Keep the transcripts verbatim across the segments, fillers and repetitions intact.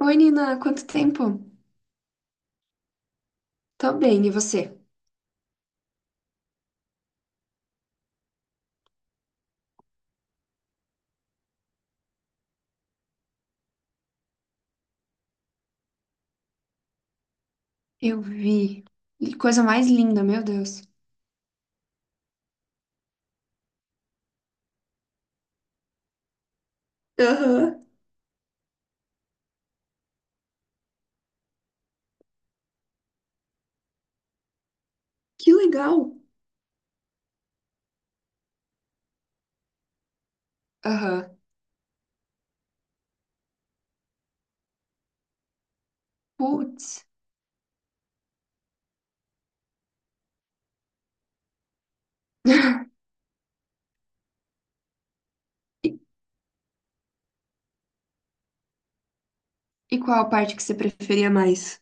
Oi, Nina, quanto tempo? Tô bem, e você? Eu vi. Que coisa mais linda, meu Deus. Aham, que legal. Aham. Putz. E, e qual a parte que você preferia mais?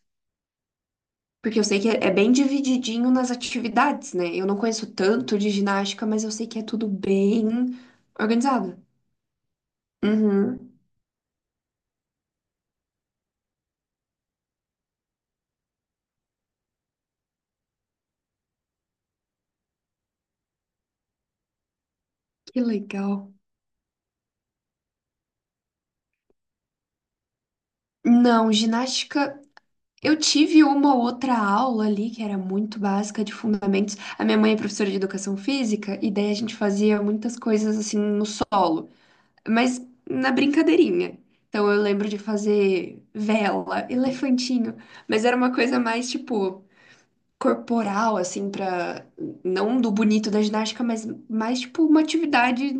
Porque eu sei que é, é bem divididinho nas atividades, né? Eu não conheço tanto de ginástica, mas eu sei que é tudo bem organizado. Uhum. Que legal. Não, ginástica. Eu tive uma ou outra aula ali que era muito básica de fundamentos. A minha mãe é professora de educação física e daí a gente fazia muitas coisas assim no solo, mas na brincadeirinha. Então eu lembro de fazer vela, elefantinho, mas era uma coisa mais tipo corporal assim para não do bonito da ginástica, mas mais tipo uma atividade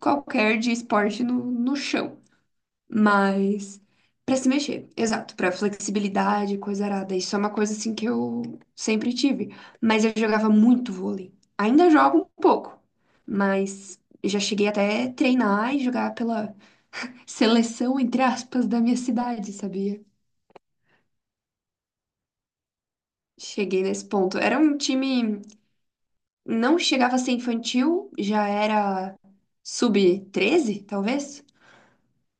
qualquer de esporte no, no chão. Mas para se mexer, exato, para flexibilidade, coisa arada. Isso é uma coisa assim que eu sempre tive. Mas eu jogava muito vôlei. Ainda jogo um pouco, mas já cheguei até treinar e jogar pela seleção, entre aspas, da minha cidade, sabia? Cheguei nesse ponto. Era um time, não chegava a ser infantil, já era sub treze, talvez?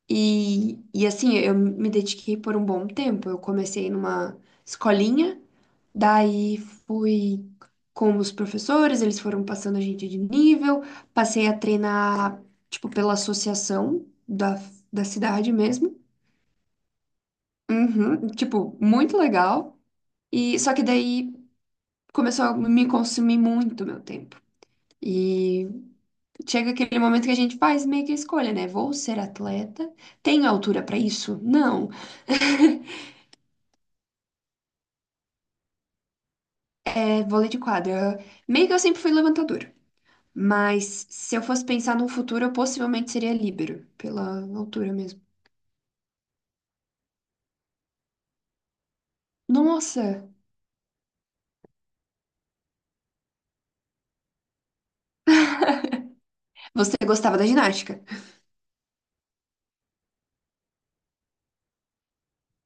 E, e assim, eu me dediquei por um bom tempo. Eu comecei numa escolinha, daí fui com os professores, eles foram passando a gente de nível, passei a treinar, tipo, pela associação da, da cidade mesmo. Uhum, tipo, muito legal. E só que daí começou a me consumir muito meu tempo. E chega aquele momento que a gente faz meio que a escolha, né? Vou ser atleta? Tenho altura para isso? Não. É, vôlei de quadra. Meio que eu sempre fui levantadora. Mas se eu fosse pensar num futuro, eu possivelmente seria líbero, pela altura mesmo. Nossa! Você gostava da ginástica?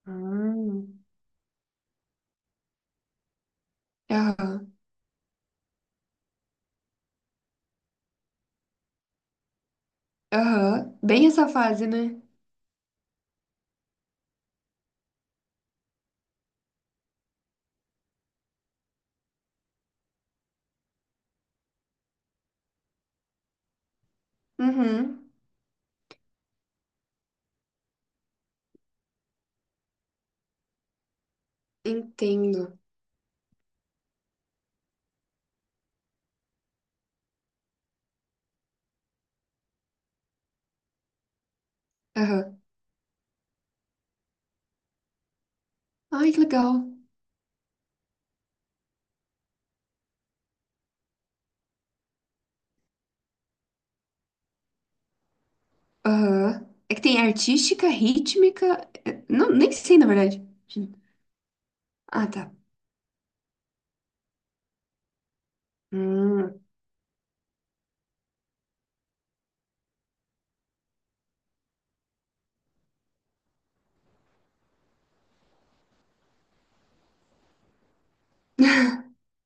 Hum. Aham, aham. Bem essa fase, né? Uhum. Entendo. Aham. Ai, que legal. Aham. É que tem artística, rítmica. É, não, nem sei, na verdade. Ah, tá. Hum.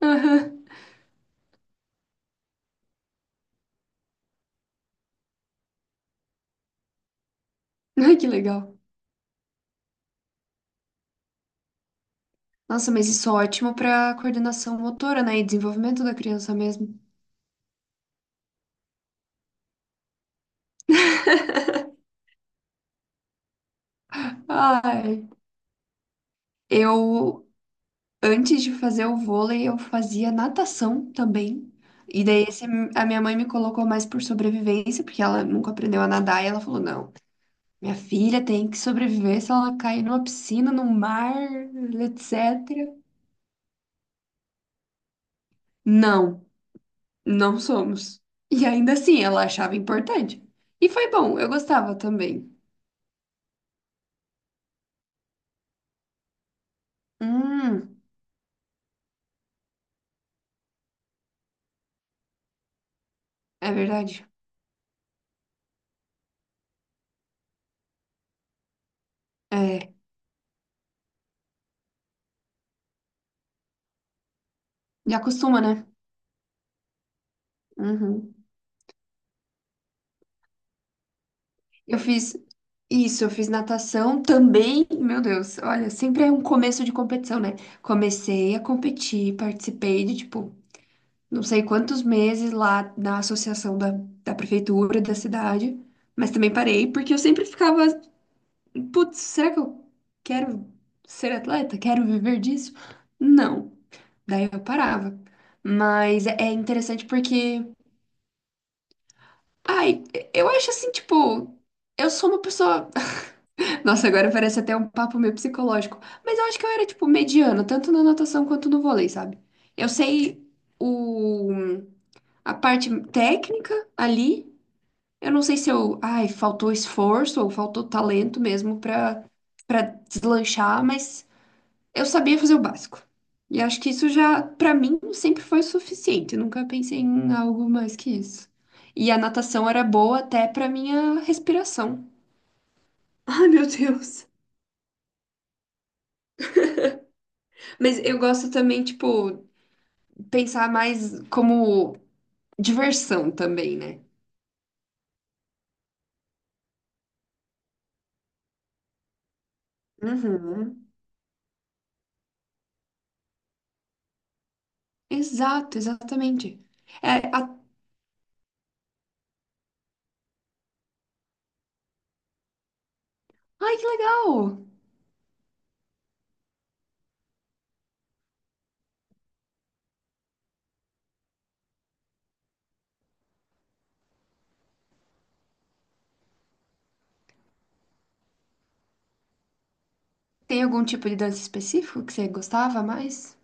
Aham. Ai, que legal. Nossa, mas isso é ótimo para coordenação motora, né? E desenvolvimento da criança mesmo. Ai, eu, antes de fazer o vôlei, eu fazia natação também. E daí esse- a minha mãe me colocou mais por sobrevivência, porque ela nunca aprendeu a nadar. E ela falou: não, minha filha tem que sobreviver se ela cair numa piscina, no mar, etcétera. Não, não somos. E ainda assim, ela achava importante. E foi bom, eu gostava também. Hum, é verdade. E acostuma, né? Uhum. Eu fiz isso, eu fiz natação também. Meu Deus, olha, sempre é um começo de competição, né? Comecei a competir, participei de, tipo, não sei quantos meses lá na associação da, da, prefeitura da cidade, mas também parei, porque eu sempre ficava, putz, será que eu quero ser atleta? Quero viver disso? Não. Daí eu parava. Mas é é interessante porque, ai, eu acho assim, tipo, eu sou uma pessoa. Nossa, agora parece até um papo meio psicológico. Mas eu acho que eu era, tipo, mediana, tanto na natação quanto no vôlei, sabe? Eu sei o, a parte técnica ali. Eu não sei se eu, ai, faltou esforço ou faltou talento mesmo pra, pra deslanchar, mas eu sabia fazer o básico. E acho que isso já, pra mim, sempre foi suficiente. Eu nunca pensei em algo mais que isso. E a natação era boa até pra minha respiração. Ai, meu Deus. Mas eu gosto também, tipo, pensar mais como diversão também, né? Uhum. Exato, exatamente. É, a- Ai, que legal! Tem algum tipo de dança específico que você gostava mais?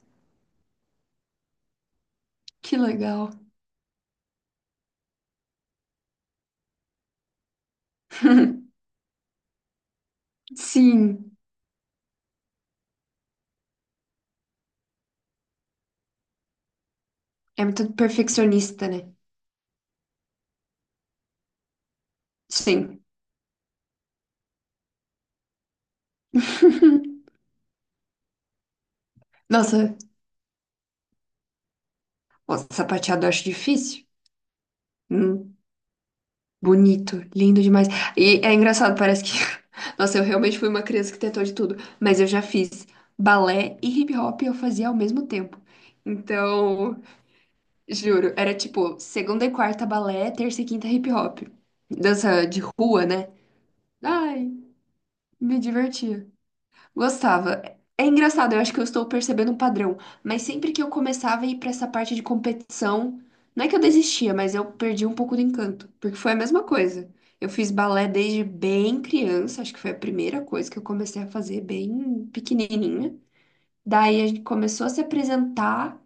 Que legal. Sim, é muito perfeccionista, né? Sim. Nossa, o sapateado eu acho difícil. Hum. Bonito, lindo demais. E é engraçado, parece que. Nossa, eu realmente fui uma criança que tentou de tudo, mas eu já fiz balé e hip hop eu fazia ao mesmo tempo. Então, juro, era tipo segunda e quarta balé, terça e quinta hip hop. Dança de rua, né? Ai, me divertia. Gostava. É engraçado, eu acho que eu estou percebendo um padrão, mas sempre que eu começava a ir para essa parte de competição, não é que eu desistia, mas eu perdi um pouco do encanto, porque foi a mesma coisa. Eu fiz balé desde bem criança, acho que foi a primeira coisa que eu comecei a fazer bem pequenininha. Daí a gente começou a se apresentar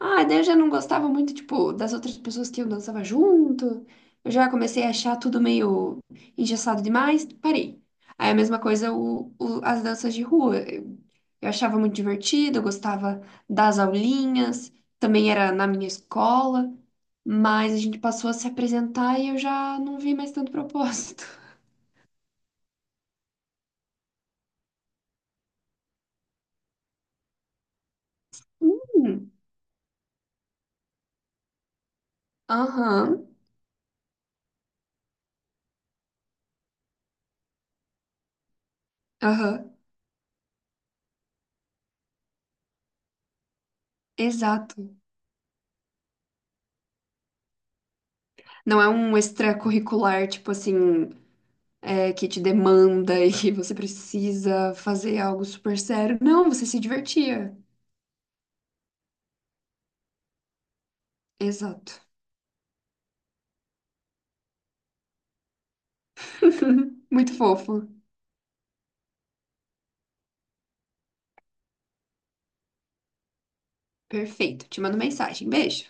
ah, daí eu já não gostava muito, tipo, das outras pessoas que eu dançava junto. Eu já comecei a achar tudo meio engessado demais, parei. Aí a mesma coisa o, o- as danças de rua. Eu, eu achava muito divertido, eu gostava das aulinhas, também era na minha escola, mas a gente passou a se apresentar e eu já não vi mais tanto propósito. Hum, aham, aham, exato. Não é um extracurricular, tipo assim. É, que te demanda e você precisa fazer algo super sério. Não, você se divertia. Exato. Muito fofo. Perfeito. Te mando mensagem. Beijo.